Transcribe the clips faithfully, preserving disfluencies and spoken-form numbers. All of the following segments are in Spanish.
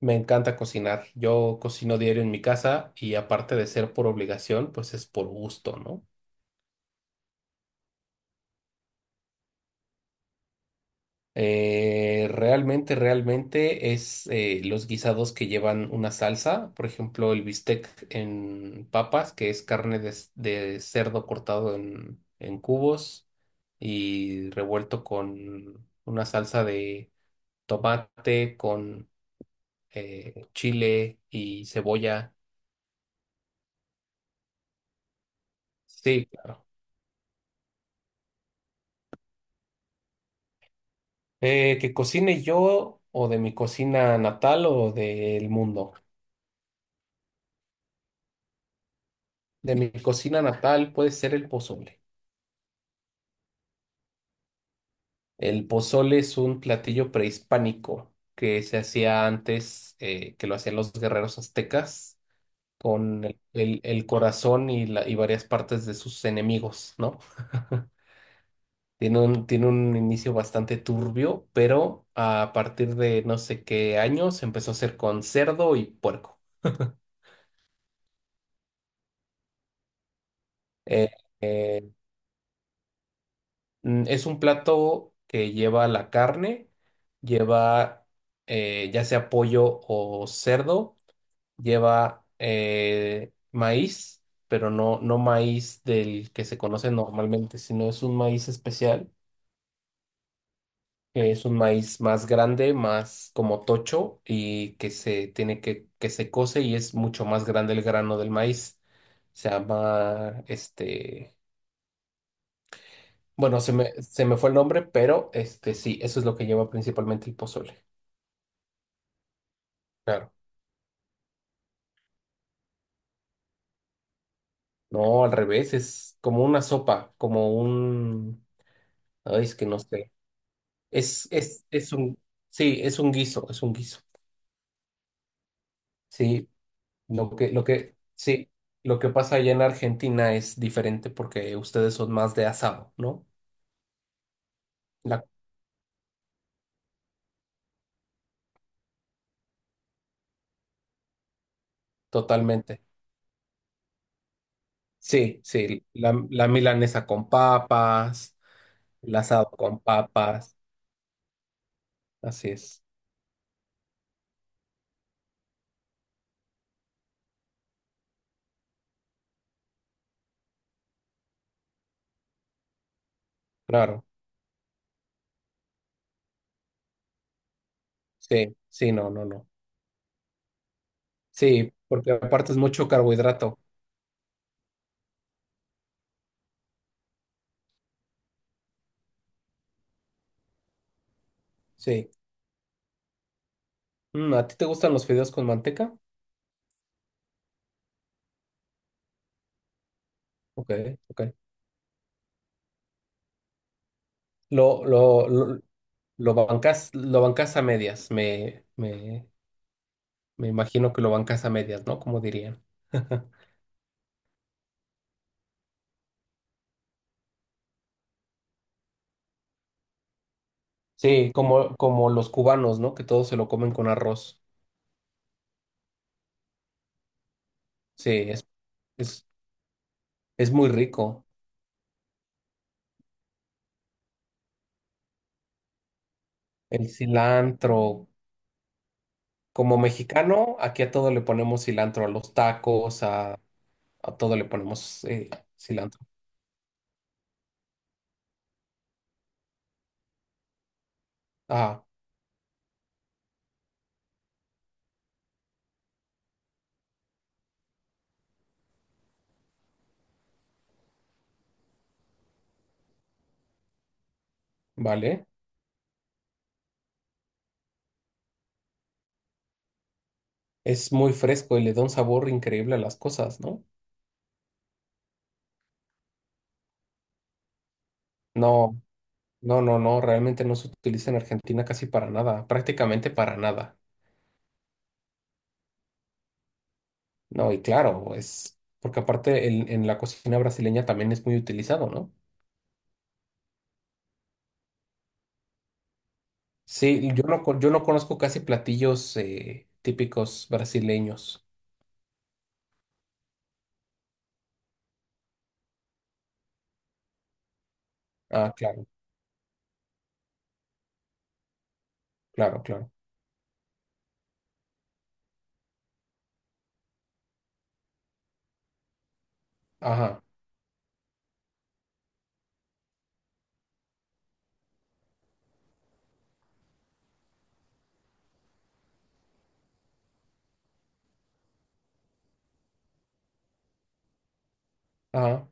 Me encanta cocinar. Yo cocino diario en mi casa y aparte de ser por obligación, pues es por gusto, ¿no? Eh, realmente, realmente es eh, los guisados que llevan una salsa, por ejemplo, el bistec en papas, que es carne de, c- de cerdo cortado en, en cubos y revuelto con una salsa de tomate, con eh, chile y cebolla. Sí, claro. Eh, que cocine yo o de mi cocina natal o del mundo. De mi cocina natal puede ser el pozole. El pozole es un platillo prehispánico que se hacía antes, eh, que lo hacían los guerreros aztecas con el, el- el corazón y, la- y varias partes de sus enemigos, ¿no? Tiene un, tiene un inicio bastante turbio, pero a partir de no sé qué años empezó a hacer con cerdo y puerco. Eh, eh, Mm, Es un plato que lleva la carne, lleva eh, ya sea pollo o cerdo, lleva eh, maíz, pero no, no maíz del que se conoce normalmente, sino es un maíz especial, que es un maíz más grande, más como tocho y que se tiene que, que se cose y es mucho más grande el grano del maíz. Se llama este. Bueno, se me, se me fue el nombre, pero este sí, eso es lo que lleva principalmente el pozole. Claro. No, al revés, es como una sopa, como un... Ay, es que no sé. Es, es, es un... Sí, es un guiso, es un guiso. Sí, lo que, lo que, sí, lo que pasa allá en Argentina es diferente porque ustedes son más de asado, ¿no? La, totalmente. Sí, sí, la, la milanesa con papas, el asado con papas, así es. Claro. Sí, sí, no, no, no. Sí, porque aparte es mucho carbohidrato. Sí. Mm, ¿a ti te gustan los fideos con manteca? Ok, ok. Lo, lo, lo, lo bancas, lo bancas a medias. Me, me, me imagino que lo bancas a medias, ¿no? Como dirían. Sí, como, como los cubanos, ¿no? Que todos se lo comen con arroz. Sí, es, es, es muy rico. El cilantro. Como mexicano, aquí a todo le ponemos cilantro, a los tacos, a, a todo le ponemos eh, cilantro. Ah, vale. Es muy fresco y le da un sabor increíble a las cosas, ¿no? No, no, no, no, realmente no se utiliza en Argentina casi para nada, prácticamente para nada. No, y claro, es porque aparte en, en la cocina brasileña también es muy utilizado, ¿no? Sí, yo no, co- yo no conozco casi platillos eh, típicos brasileños. Ah, claro, claro, claro. Ajá, ajá.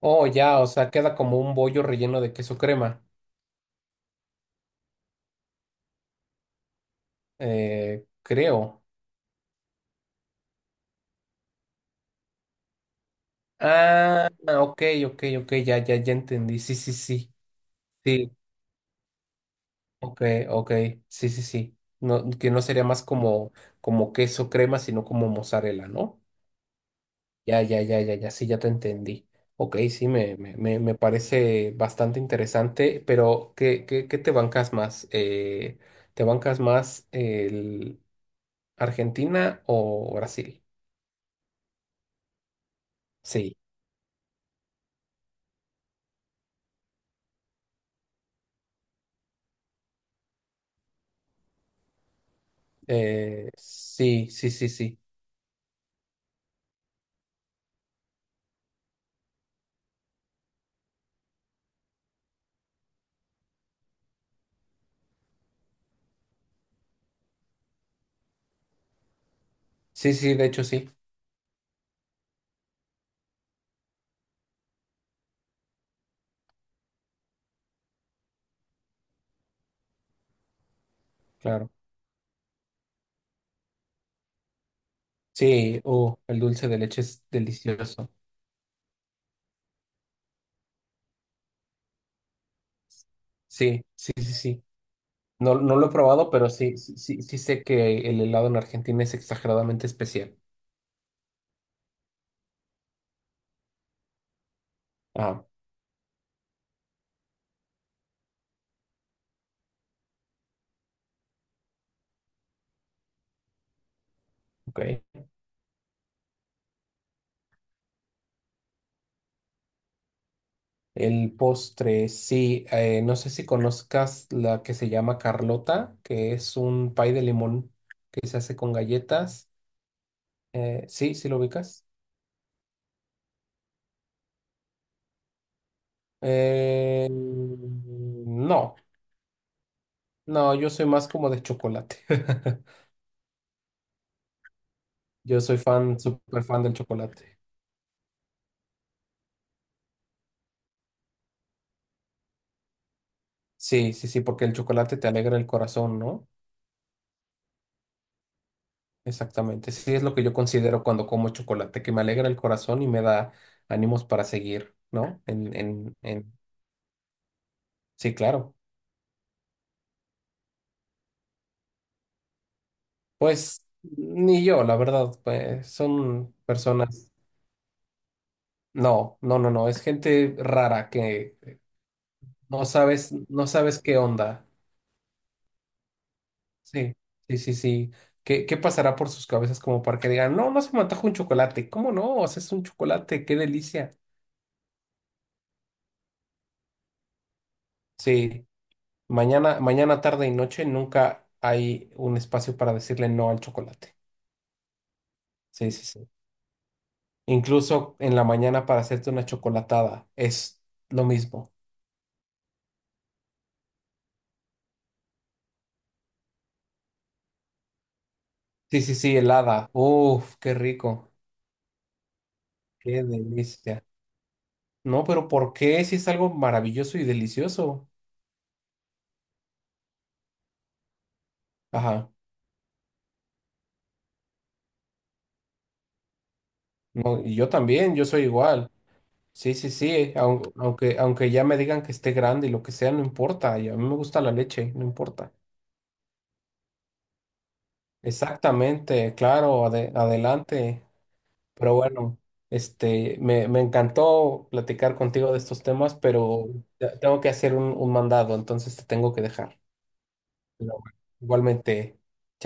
Oh, ya, o sea, queda como un bollo relleno de queso crema, eh, creo. Ah, ok, ok, ok, ya, ya, ya entendí. Sí, sí, sí. Sí, ok, ok. Sí, sí, sí. No, que no sería más como, como queso crema, sino como mozzarella, ¿no? Ya, ya, ya, ya, ya, sí, ya te entendí. Ok, sí, me, me, me, me parece bastante interesante, pero ¿qué, qué, qué te bancas más? Eh, ¿te bancas más el Argentina o Brasil? Sí, eh, sí, sí, sí, sí. Sí, sí, de hecho, sí, claro. Sí, oh, el dulce de leche es delicioso. Sí, sí, sí, sí. No, no lo he probado, pero sí, sí, sí, sí sé que el helado en Argentina es exageradamente especial. Ah, ok. El postre, sí. Eh, no sé si conozcas la que se llama Carlota, que es un pay de limón que se hace con galletas. Eh, sí, sí lo ubicas. Eh, no, no, yo soy más como de chocolate. Yo soy fan, súper fan del chocolate. Sí, sí, sí, porque el chocolate te alegra el corazón, ¿no? Exactamente. Sí, es lo que yo considero cuando como chocolate, que me alegra el corazón y me da ánimos para seguir, ¿no? En, en, en... Sí, claro. Pues ni yo, la verdad, pues son personas. No, no, no, no, es gente rara que no sabes, no sabes qué onda. Sí, sí, sí, sí. ¿Qué, qué pasará por sus cabezas como para que digan, no, no se me antoja un chocolate? ¿Cómo no? Haces un chocolate, qué delicia. Sí. Mañana, mañana, tarde y noche nunca hay un espacio para decirle no al chocolate. Sí, sí, sí. Incluso en la mañana para hacerte una chocolatada es lo mismo. Sí, sí, sí, helada. Uf, qué rico. Qué delicia. No, pero ¿por qué? Si es algo maravilloso y delicioso. Ajá. No, y yo también, yo soy igual. Sí, sí, sí. aun- Aunque, aunque ya me digan que esté grande y lo que sea, no importa. Y a mí me gusta la leche, no importa. Exactamente, claro, ade- adelante. Pero bueno, este, me, me encantó platicar contigo de estos temas, pero te- tengo que hacer un, un mandado, entonces te tengo que dejar. Pero bueno, igualmente,